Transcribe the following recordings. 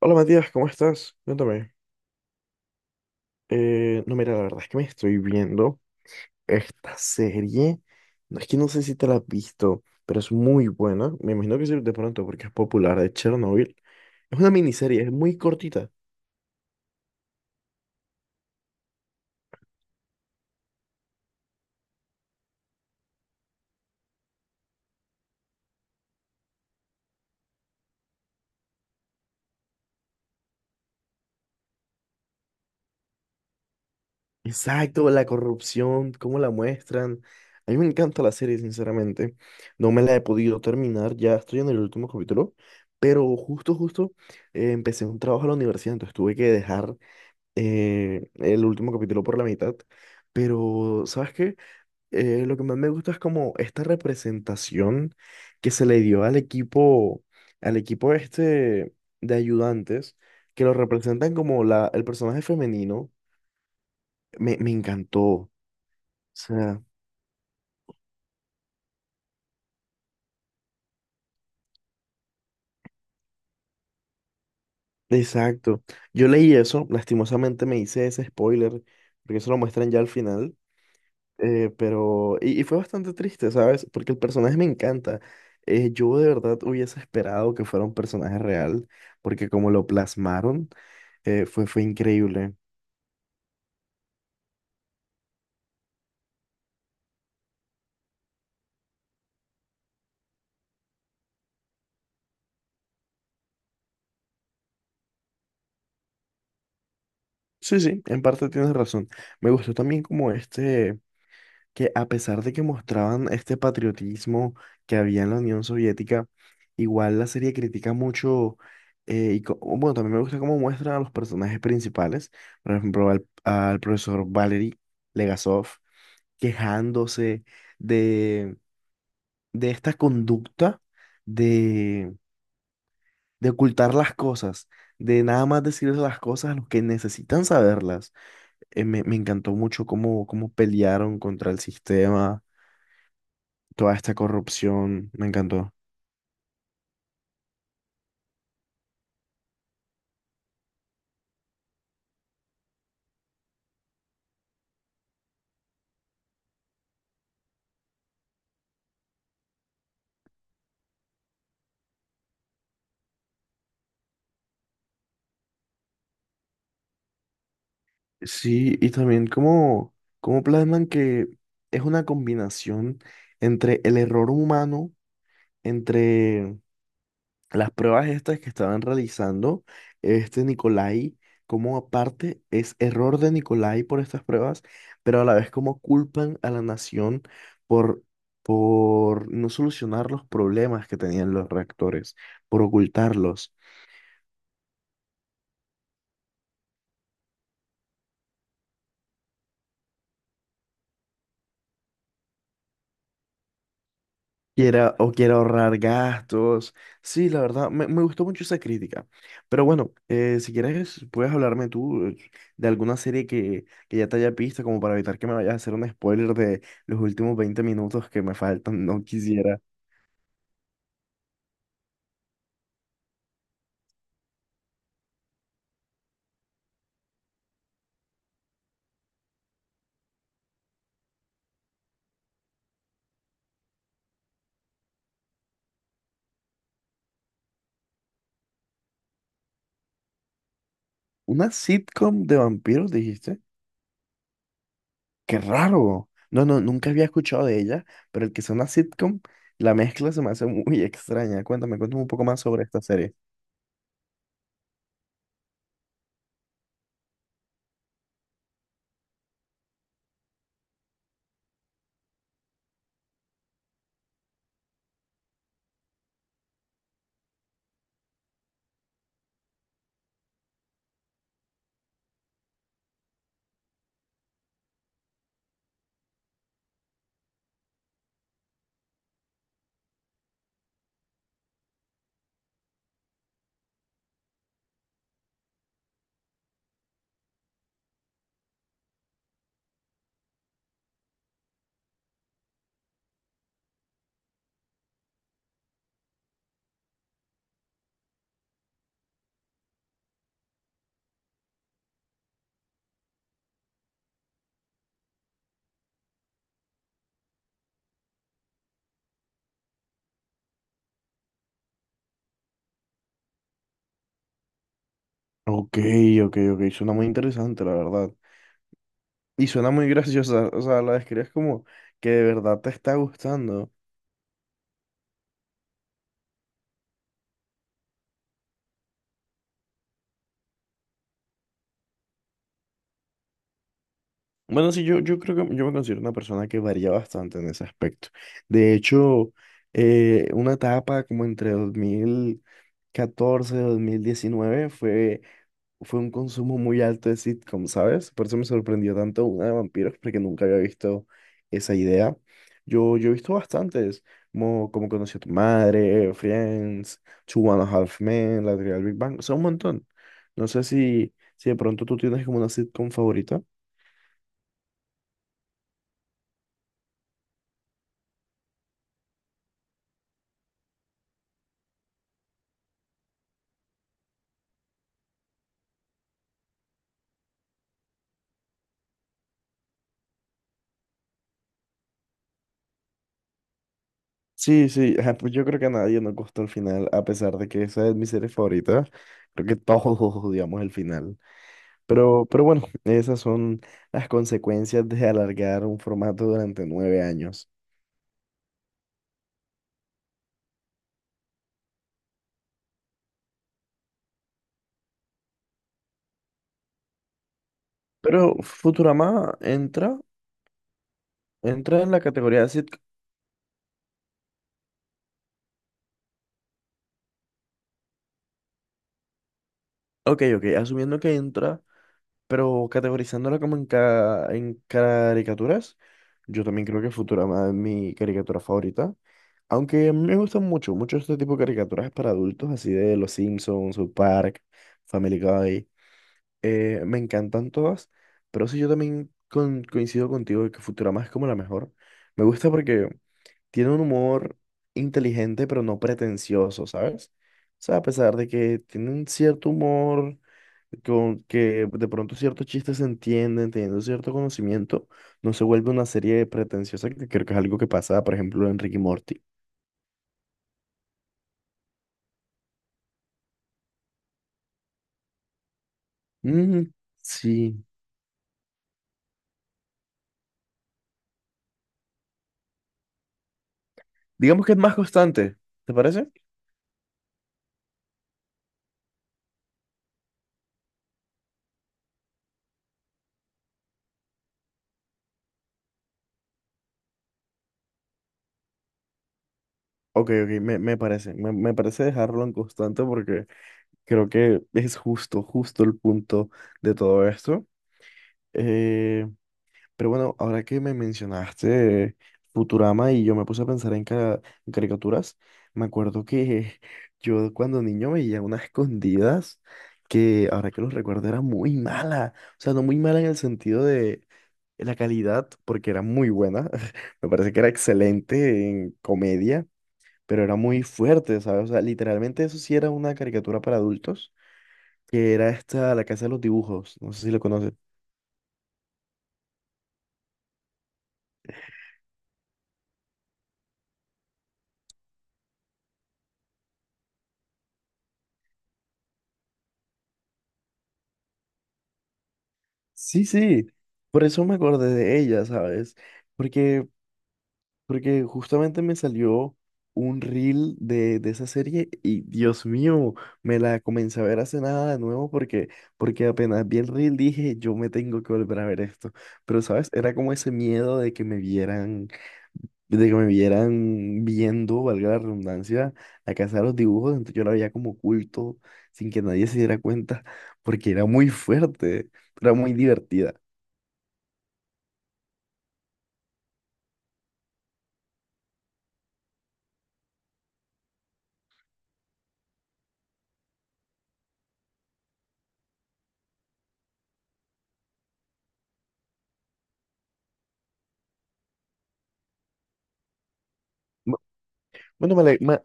Hola Matías, ¿cómo estás? Cuéntame. No, mira, la verdad es que me estoy viendo esta serie. No, es que no sé si te la has visto, pero es muy buena. Me imagino que sí de pronto porque es popular de Chernobyl. Es una miniserie, es muy cortita. Exacto, la corrupción, cómo la muestran. A mí me encanta la serie, sinceramente. No me la he podido terminar, ya estoy en el último capítulo, pero justo empecé un trabajo en la universidad, entonces tuve que dejar el último capítulo por la mitad. Pero, ¿sabes qué? Lo que más me gusta es como esta representación que se le dio al equipo este de ayudantes, que lo representan como la, el personaje femenino. Me encantó. O sea, exacto. Yo leí eso, lastimosamente me hice ese spoiler, porque eso lo muestran ya al final. Pero, y fue bastante triste, ¿sabes? Porque el personaje me encanta. Yo de verdad hubiese esperado que fuera un personaje real, porque como lo plasmaron, fue increíble. Sí, sí, en parte tienes razón. Me gustó también como este, que a pesar de que mostraban este patriotismo que había en la Unión Soviética, igual la serie critica mucho, bueno, también me gusta cómo muestran a los personajes principales, por ejemplo, al profesor Valery Legasov quejándose de, de esta conducta de, de ocultar las cosas, de nada más decirles las cosas a los que necesitan saberlas. Me encantó mucho cómo pelearon contra el sistema, toda esta corrupción, me encantó. Sí, y también cómo plasman que es una combinación entre el error humano, entre las pruebas estas que estaban realizando este Nicolai, como aparte es error de Nicolai por estas pruebas, pero a la vez como culpan a la nación por, por no solucionar los problemas que tenían los reactores, por ocultarlos. Quiera, o quiera ahorrar gastos. Sí, la verdad, me gustó mucho esa crítica. Pero bueno, si quieres, puedes hablarme tú de alguna serie que ya te haya visto, como para evitar que me vayas a hacer un spoiler de los últimos 20 minutos que me faltan. No quisiera. ¿Una sitcom de vampiros, dijiste? ¡Qué raro! No, no, nunca había escuchado de ella, pero el que sea una sitcom, la mezcla se me hace muy extraña. Cuéntame, cuéntame un poco más sobre esta serie. Ok, ok, ok, suena muy interesante, la verdad. Y suena muy graciosa, o sea, la describes como que de verdad te está gustando. Bueno, sí, yo creo que yo me considero una persona que varía bastante en ese aspecto. De hecho, una etapa como entre 2014 y 2019 fue un consumo muy alto de sitcom, ¿sabes? Por eso me sorprendió tanto una de vampiros, porque nunca había visto esa idea. Yo he visto bastantes, como Conocí a tu madre, Friends, Two and a Half Men, La teoría del Big Bang, son un montón. No sé si de pronto tú tienes como una sitcom favorita. Sí, sí, ajá, pues yo creo que a nadie nos gustó el final, a pesar de que esa es mi serie favorita. Creo que todos odiamos el final. Pero bueno, esas son las consecuencias de alargar un formato durante 9 años. Pero Futurama entra en la categoría de sitcom. Ok, ok, asumiendo que entra, pero categorizándola como en caricaturas, yo también creo que Futurama es mi caricatura favorita. Aunque a mí me gustan mucho, mucho este tipo de caricaturas para adultos, así de Los Simpsons, South Park, Family Guy. Me encantan todas, pero sí yo también coincido contigo de que Futurama es como la mejor. Me gusta porque tiene un humor inteligente, pero no pretencioso, ¿sabes? O sea, a pesar de que tiene un cierto humor, con que de pronto ciertos chistes se entienden, teniendo cierto conocimiento, no se vuelve una serie pretenciosa, que creo que es algo que pasa, por ejemplo, en Ricky Morty. Mm, sí, digamos que es más constante, ¿te parece? Ok, ok, me parece, me parece dejarlo en constante porque creo que es justo el punto de todo esto. Eh, pero bueno, ahora que me mencionaste Futurama y yo me puse a pensar en caricaturas, me acuerdo que yo cuando niño veía unas escondidas que ahora que los recuerdo era muy mala. O sea, no muy mala en el sentido de la calidad, porque era muy buena. Me parece que era excelente en comedia, pero era muy fuerte, ¿sabes? O sea, literalmente eso sí era una caricatura para adultos que era esta, la casa de los dibujos, no sé si lo conoces. Sí, sí, por eso me acordé de ella, ¿sabes? Porque, porque justamente me salió un reel de esa serie y Dios mío, me la comencé a ver hace nada de nuevo porque, porque apenas vi el reel dije, yo me tengo que volver a ver esto. Pero, ¿sabes? Era como ese miedo de que me vieran viendo, valga la redundancia, la casa de los dibujos, entonces yo la veía como oculto, sin que nadie se diera cuenta, porque era muy fuerte, era muy divertida. Bu- Bueno, me, ale- me-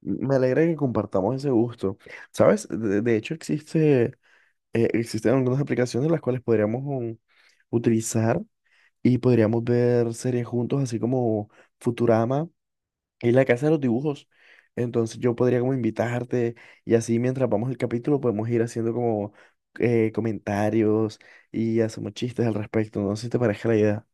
me alegra que compartamos ese gusto. ¿Sabes? De hecho, existen algunas aplicaciones las cuales podríamos utilizar y podríamos ver series juntos, así como Futurama. Y la casa de los dibujos. Entonces yo podría como invitarte y así mientras vamos el capítulo podemos ir haciendo como comentarios y hacemos chistes al respecto. No sé si te parece la idea.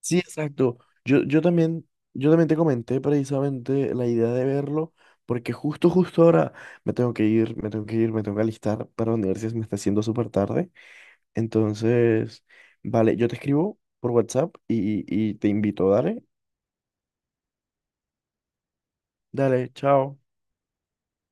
Sí, exacto. Yo, yo también, yo también te comenté precisamente la idea de verlo porque justo ahora me tengo que ir, me tengo que alistar para la universidad, se me está haciendo súper tarde. Entonces, vale, yo te escribo por WhatsApp y te invito, dale, dale, chao.